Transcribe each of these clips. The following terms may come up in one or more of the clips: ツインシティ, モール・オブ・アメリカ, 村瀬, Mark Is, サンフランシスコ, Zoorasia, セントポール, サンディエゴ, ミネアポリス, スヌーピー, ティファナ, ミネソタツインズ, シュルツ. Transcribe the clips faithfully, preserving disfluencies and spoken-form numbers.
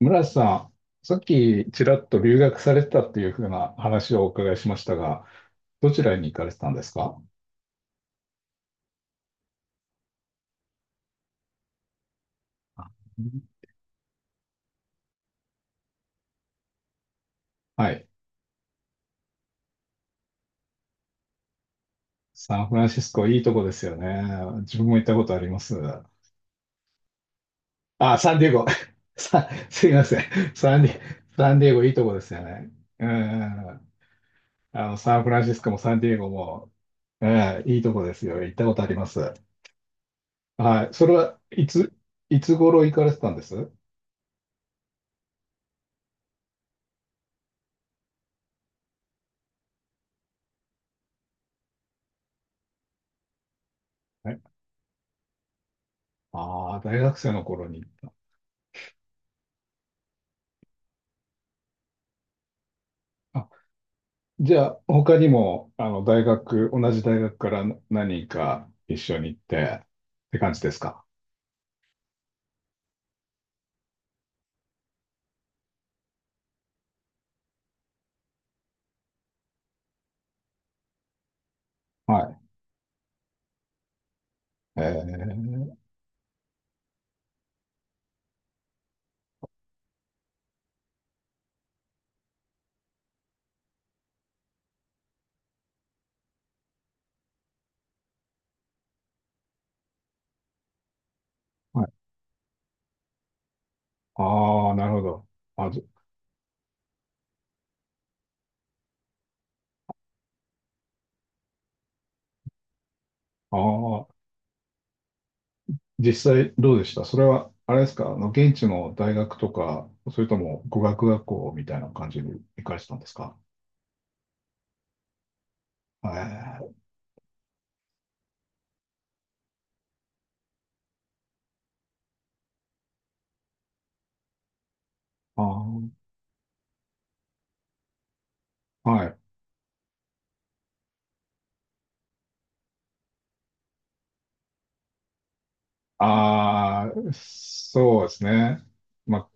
村瀬さん、さっきちらっと留学されてたっていうふうな話をお伺いしましたが、どちらに行かれてたんですか？はい。サンフランシスコ、いいとこですよね。自分も行ったことあります。あ、サンディエゴ。さ、すいません。サンディ、サンディエゴいいとこですよね。うん。あの、サンフランシスコもサンディエゴも、うん、いいとこですよ。行ったことあります。はい。それはいつ、いつ頃行かれてたんです？はい。ああ、大学生の頃に行った。あ、じゃあ、他にも、あの、大学、同じ大学から何人か一緒に行って、って感じですか？はい。えー、はい。ああ、なるほど。あ、じああ、実際どうでしたそれは、あれですか、あの、現地の大学とか、それとも語学学校みたいな感じに行かれてたんですか？えー、あー、はい。ああ、そうですね。ま、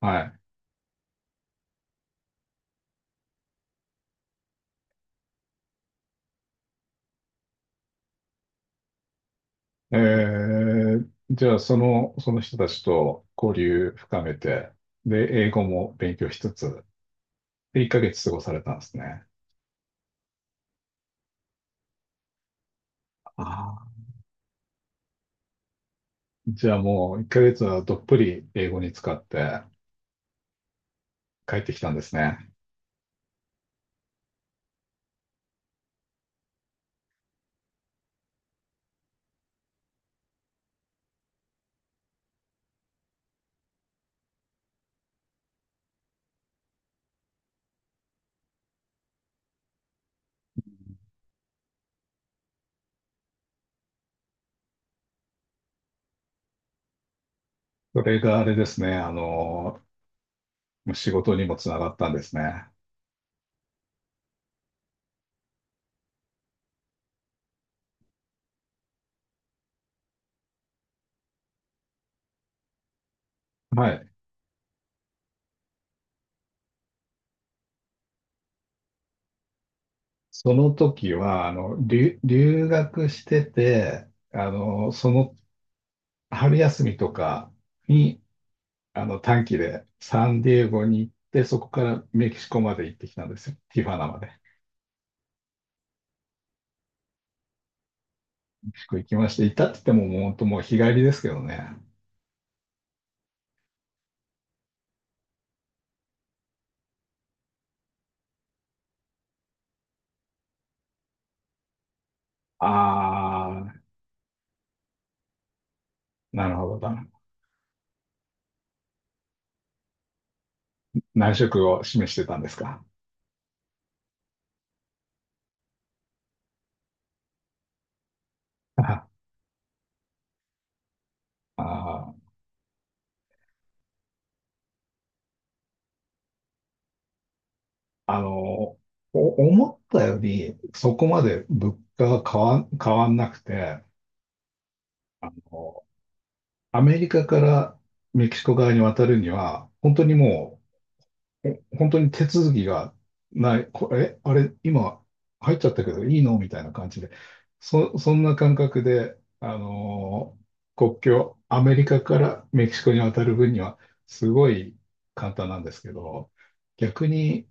はい。えー、じゃあ、その、その人たちと交流深めて、で、英語も勉強しつつ、で、いっかげつ過ごされたんですね。ああ、じゃあもういっかげつはどっぷり英語に使って帰ってきたんですね。それがあれですね、あの、仕事にもつながったんですね。はい。その時は、あの、留、留学してて、あの、その春休みとかに、あの、短期でサンディエゴに行って、そこからメキシコまで行ってきたんですよ。ティファナまで。メキシコ行きまして、行ったって言っても、もう本当もう日帰りですけどね。ああ、なるほどだ。難色を示してたんですか。ああ。あの、お思ったより、そこまで物価が変わん、変わんなくて、あの、アメリカからメキシコ側に渡るには、本当にもえ本当に手続きがない、これ、えあれ、今入っちゃったけどいいのみたいな感じで、そ、そんな感覚で、あのー国境、アメリカからメキシコに渡る分にはすごい簡単なんですけど、逆に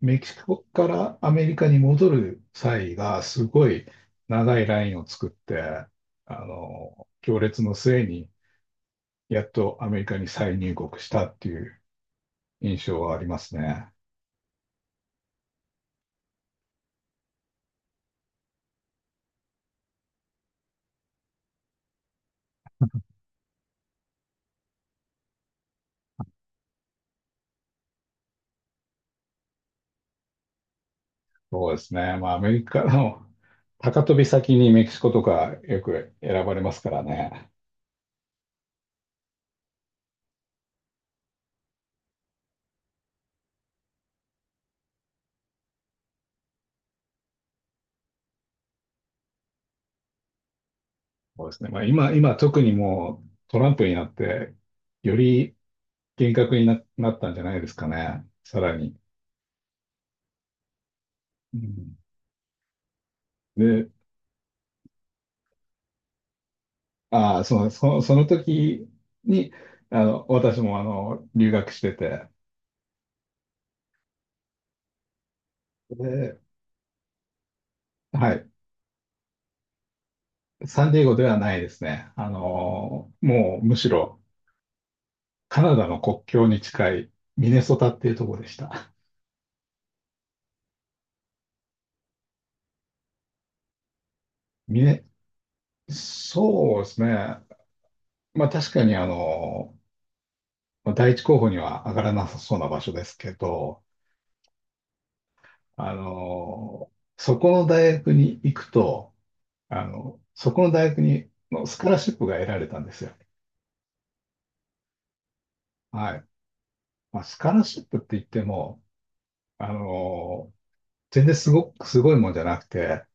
メキシコからアメリカに戻る際がすごい長いラインを作って、あのー行列の末にやっとアメリカに再入国したっていう印象はありますね。そうですね。まあ、アメリカの高飛び先にメキシコとかよく選ばれますからね。そうですね。まあ、今、今特にもうトランプになって、より厳格にな、なったんじゃないですかね。さらに。うん、で、ああ、その、その、その時に、あの、私もあの、留学してて、で、はい。サンディエゴではないですね。あの、もうむしろカナダの国境に近いミネソタっていうところでした。ミネ、そうですね。まあ確かにあの、まあ第一候補には上がらなさそうな場所ですけど、あの、そこの大学に行くと、あの、そこの大学にのスカラシップが得られたんですよ。はい。まあ、スカラシップって言っても、あの、全然すごく、すごいもんじゃなくて、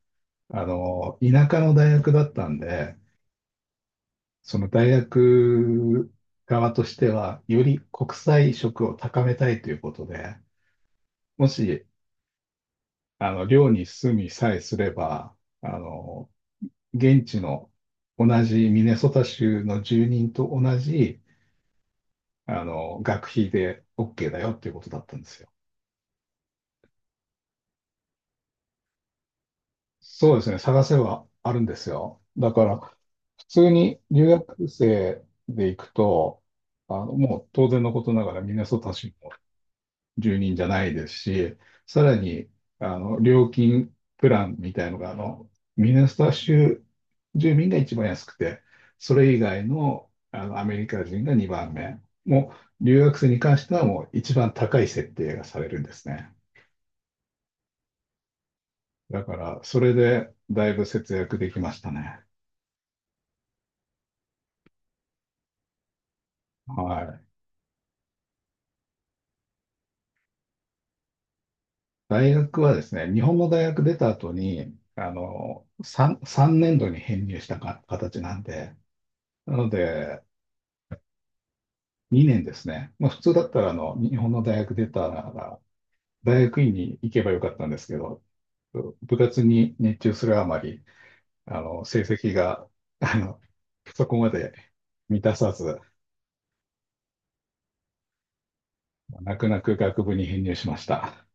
あの、田舎の大学だったんで、その大学側としては、より国際色を高めたいということで、もし、あの、寮に住みさえすれば、あの、現地の同じミネソタ州の住人と同じ、あの、学費で OK だよっていうことだったんですよ。そうですね、探せばあるんですよ。だから、普通に留学生で行くと、あの、もう当然のことながらミネソタ州住人じゃないですし、さらに、あの、料金プランみたいのが、あの、ミネソタ州住民が一番安くて、それ以外の、あの、アメリカ人がにばんめ。もう、留学生に関してはもう一番高い設定がされるんですね。だから、それでだいぶ節約できましたね。はい。大学はですね、日本の大学出た後に、あの、さん、三年度に編入したか形なんで、なので、にねんですね。まあ、普通だったら、あの、日本の大学出たなら、大学院に行けばよかったんですけど、部活に熱中するあまり、あの、成績が、あの、そこまで満たさず、泣く泣く学部に編入しました。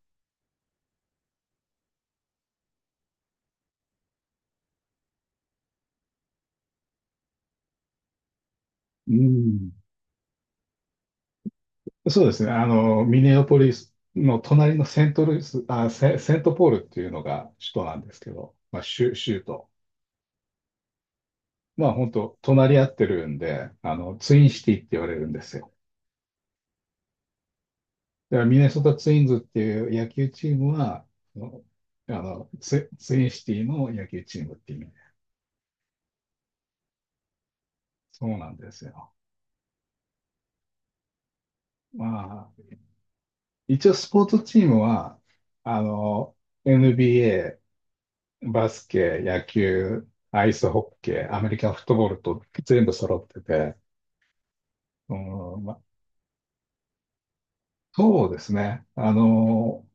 うん。そうですね。あの、ミネアポリスの隣のセントルイス、あ、セ、セントポールっていうのが首都なんですけど、まあ、州、州都。まあ、本当隣り合ってるんで、あの、ツインシティって言われるんですよ。だからミネソタツインズっていう野球チームは、あの、あのツ、ツインシティの野球チームっていう意味で。そうなんですよ。まあ、一応スポーツチームは、あの、エヌビーエー、バスケ、野球、アイスホッケー、アメリカンフットボールと全部揃ってて、うん、まあ、そうですね。あの、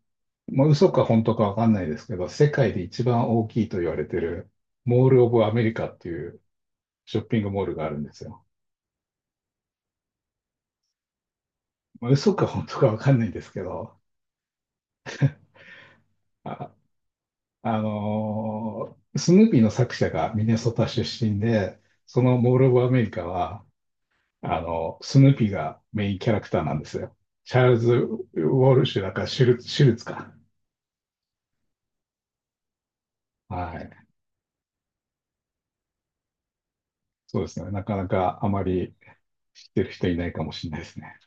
まあ、嘘か本当かわかんないですけど、世界で一番大きいと言われてる、モール・オブ・アメリカっていうショッピングモールがあるんですよ。まあ、嘘か本当かわかんないですけど、あ、あのースヌーピーの作者がミネソタ出身で、そのモール・オブ・アメリカは、あの、スヌーピーがメインキャラクターなんですよ。チャールズ・ウォルシュだからシュル、シュルツか。はい。そうですね。なかなかあまり知ってる人いないかもしれないですね。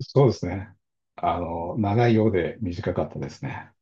そうですね。あの、長いようで短かったですね。